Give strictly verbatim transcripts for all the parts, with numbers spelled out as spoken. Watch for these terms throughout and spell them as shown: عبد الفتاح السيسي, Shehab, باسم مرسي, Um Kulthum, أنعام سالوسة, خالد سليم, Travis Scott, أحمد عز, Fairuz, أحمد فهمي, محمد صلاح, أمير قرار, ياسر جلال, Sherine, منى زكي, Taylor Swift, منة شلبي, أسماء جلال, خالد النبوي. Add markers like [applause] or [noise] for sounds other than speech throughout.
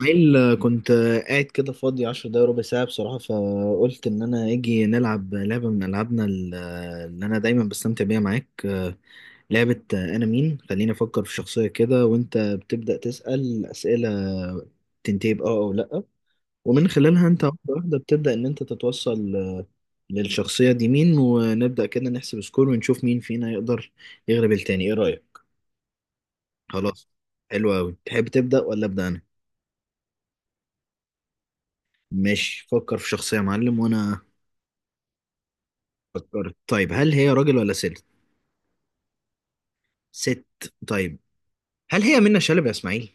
إسماعيل، كنت قاعد كده فاضي عشر دقايق ربع ساعة بصراحة، فقلت إن أنا أجي نلعب لعبة من ألعابنا ال- اللي أنا دايما بستمتع بيها معاك. لعبة أنا مين، خليني أفكر في شخصية كده وأنت بتبدأ تسأل أسئلة تنتهي بأه أو لأ، ومن خلالها أنت واحدة واحدة بتبدأ إن أنت تتوصل للشخصية دي مين، ونبدأ كده نحسب سكور ونشوف مين فينا يقدر يغلب التاني. إيه رأيك؟ خلاص. حلو أوي، تحب تبدأ ولا أبدأ أنا؟ ماشي، فكر في شخصية يا معلم وأنا فكرت. طيب هل هي راجل ولا ست؟ ست. طيب هل هي منة شلبي يا اسماعيل؟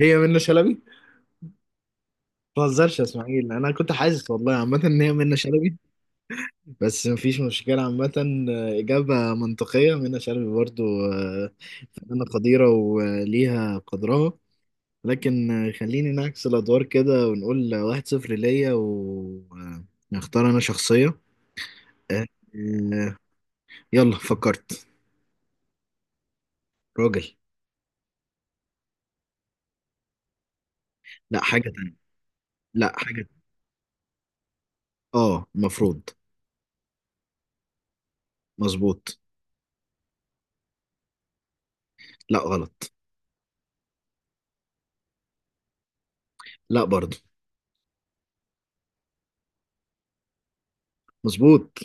هي منة شلبي. ما تهزرش يا اسماعيل، انا كنت حاسس والله عامه ان هي منة شلبي. بس مفيش مشكله عامه. آه، اجابه منطقيه، منة شلبي برضو. آه، فنانه قديره وليها قدرها. لكن آه، خليني نعكس الادوار كده، ونقول واحد صفر ليا ونختار انا شخصيه. آه، آه، يلا فكرت. راجل. لا، حاجه تانية. لا حاجه. اه المفروض. مظبوط. لا غلط. لا برضه. مظبوط.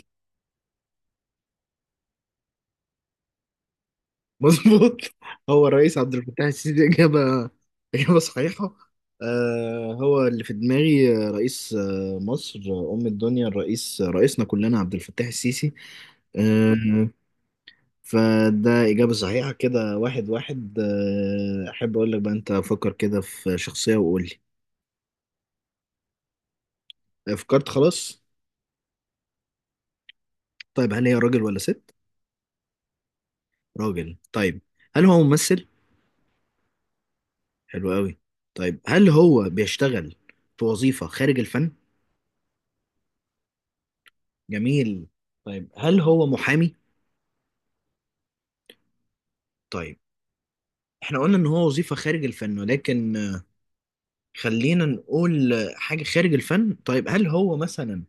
مظبوط. [laughs] هو الرئيس عبد الفتاح السيسي إجابة، إجابة صحيحة. آه هو اللي في دماغي، آه، رئيس آه مصر، آه، أم الدنيا، الرئيس آه، رئيسنا كلنا عبد الفتاح السيسي. آه. فده إجابة صحيحة كده، واحد واحد. آه، أحب أقول لك بقى أنت فكر كده في شخصية وقول لي. آه، فكرت خلاص. طيب هل هي راجل ولا ست؟ راجل، طيب. هل هو ممثل؟ حلو قوي. طيب هل هو بيشتغل في وظيفة خارج الفن؟ جميل. طيب هل هو محامي؟ طيب، احنا قلنا ان هو وظيفة خارج الفن، ولكن آه، خلينا نقول آه، حاجة خارج الفن. طيب هل هو مثلا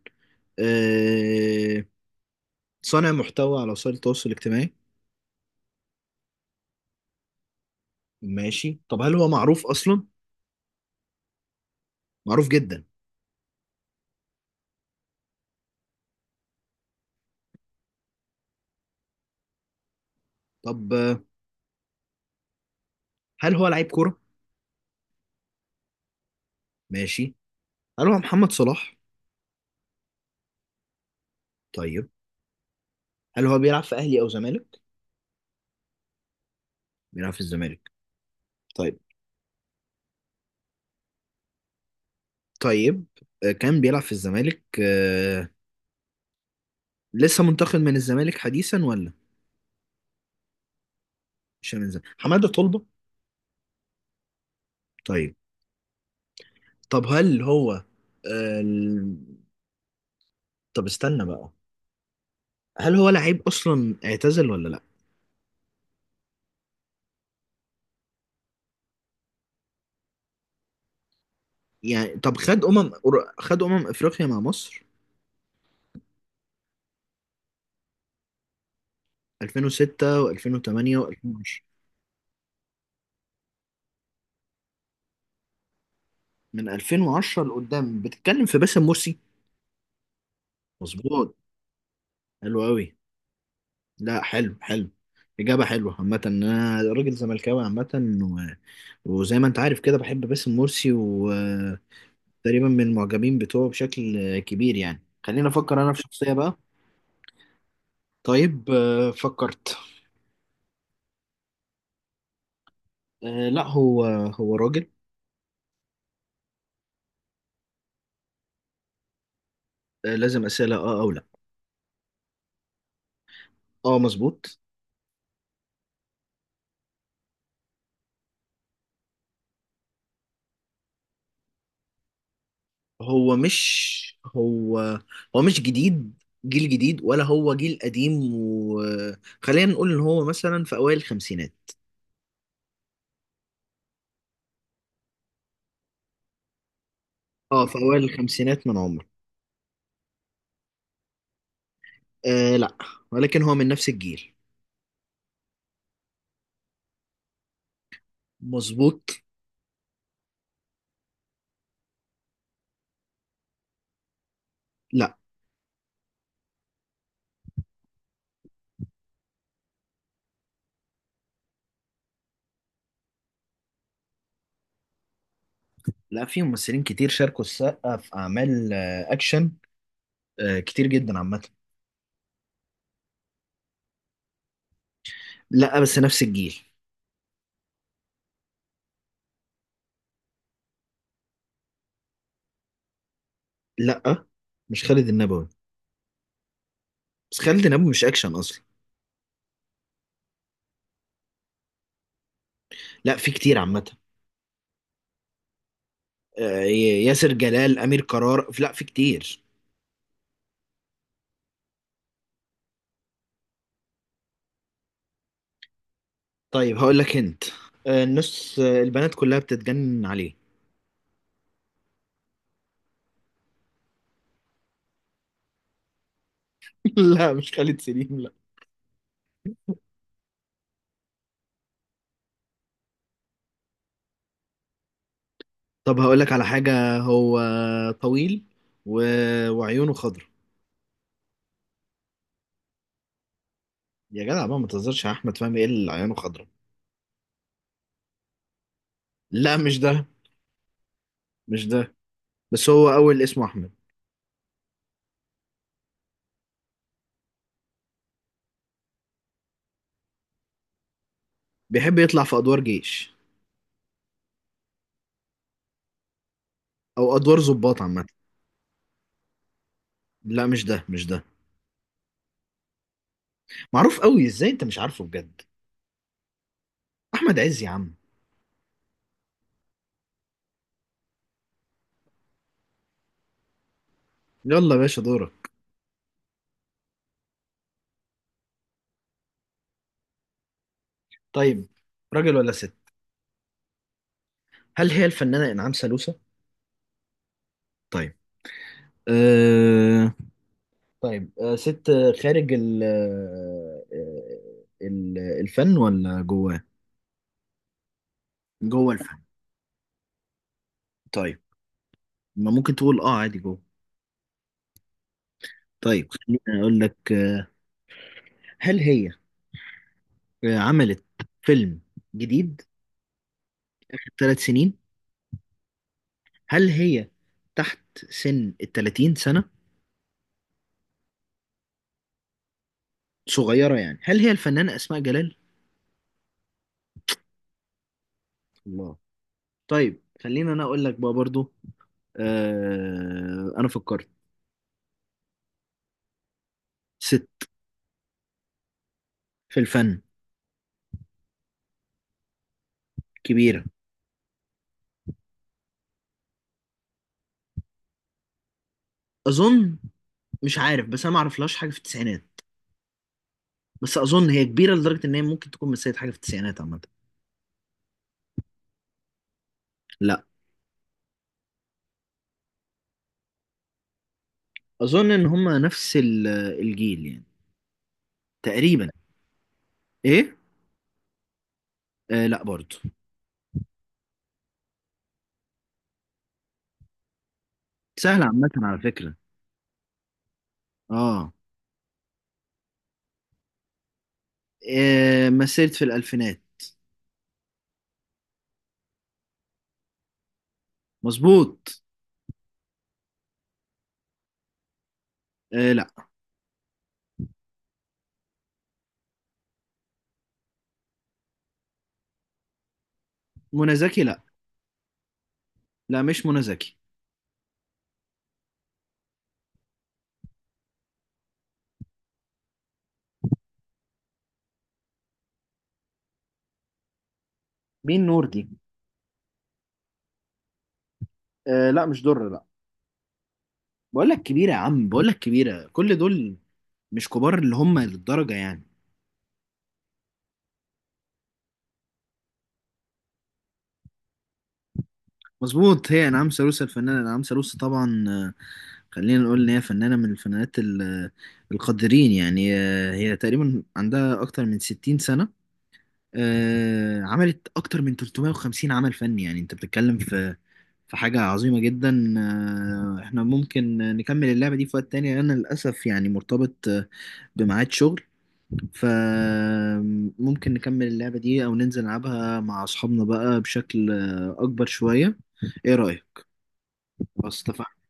آه، صانع محتوى على وسائل التواصل الاجتماعي؟ ماشي. طب هل هو معروف اصلا؟ معروف جدا. طب آه، هل هو لعيب كورة؟ ماشي. هل هو محمد صلاح؟ طيب، هل هو بيلعب في اهلي او زمالك؟ بيلعب في الزمالك. طيب. طيب آه، كان بيلعب في الزمالك. آه، لسه منتقل من الزمالك حديثا ولا؟ مش من الزمالك حماده طلبه؟ طيب. طب هل هو آه، ال- طب استنى بقى، هل هو لعيب اصلا اعتزل ولا لا؟ يعني طب خد امم، خد امم افريقيا مع مصر. ألفين وستة و2008 و2010. من ألفين وعشرة لقدام بتتكلم في باسم مرسي. مظبوط. حلو قوي. لا حلو حلو. اجابه حلوه عامه، انا راجل زملكاوي عامه، وزي ما انت عارف كده بحب باسم مرسي، وتقريبا من المعجبين بتوعه بشكل كبير يعني. خليني افكر انا في شخصية بقى. طيب آه، فكرت. آه، لا هو هو راجل. آه، لازم أسئلة اه او لا. اه مظبوط. هو مش هو هو مش جديد، جيل جديد ولا هو جيل قديم، وخلينا نقول ان هو مثلا في اوائل الخمسينات. اه في اوائل الخمسينات من عمره. آه لا، ولكن هو من نفس الجيل. مظبوط. لا. لا، في ممثلين كتير شاركوا السقا في اعمال آه، اكشن، آه، كتير جدا عامه. لا بس نفس الجيل. لا مش خالد النبوي، بس خالد النبوي مش اكشن اصلا. لا في كتير عامه. آه، ي- ياسر جلال، امير قرار، لا في كتير. طيب هقول لك انت آه، النص، آه، البنات كلها بتتجنن عليه. [laughs] لا مش خالد سليم لا. طب هقول لك على حاجه، هو طويل و... وعيونه خضرا. يا جدع بقى، ما تهزرش يا احمد فهمي، ايه اللي عيونه خضرا. لا مش ده مش ده، بس هو اول اسمه احمد. بيحب يطلع في ادوار جيش او ادوار ضباط عامه. لا مش ده مش ده. معروف قوي، ازاي انت مش عارفه بجد. احمد عز يا عم. يلا يا باشا، دورك. طيب راجل ولا ست؟ هل هي الفنانه انعام سالوسة؟ طيب. أه... طيب أه، ست خارج ال آه، ال- الفن ولا جواه؟ جوه الفن. طيب، ما ممكن تقول اه عادي جوه. طيب خليني اقول لك. آه، هل هي آه، عملت فيلم جديد ثلاث سنين؟ هل هي تحت سن ال تلاتين سنة؟ صغيرة يعني، هل هي الفنانة أسماء جلال؟ الله. طيب خلينا أنا أقول لك بقى برضو. آه أنا فكرت. ست. في الفن. كبيرة. أظن. مش عارف، بس أنا ما أعرفلهاش حاجة في التسعينات، بس أظن هي كبيرة لدرجة إن هي ممكن تكون مثلت حاجة في التسعينات عامة. لا. أظن إن هما نفس ال- الجيل يعني، تقريبا. إيه؟ آه لا برضو. سهلة عامة على فكرة. آه. آه مثلت في الألفينات. مظبوط. آه لا. منى زكي لا. لا مش منى زكي. مين نور دي؟ آه لا مش در لا. بقول لك كبيرة يا عم، بقول لك كبيرة، كل دول مش كبار اللي هم للدرجة يعني. مظبوط، هي انعام سالوسة. الفنانة انعام سالوسة طبعا. آه، خلينا نقول ان هي فنانة من الفنانات ال- آه، القادرين يعني. آه، هي تقريبا عندها اكتر من ستين سنة. آه، عملت اكتر من ثلاثمائة وخمسين عمل فني، يعني انت بتتكلم في فحاجة عظيمة جدا. آه، احنا ممكن نكمل اللعبة دي في وقت تاني، انا للأسف يعني مرتبط آه، بميعاد شغل، فممكن نكمل اللعبة دي او ننزل نلعبها مع اصحابنا بقى بشكل آه، اكبر شوية. ايه رأيك؟ خلاص اتفقنا.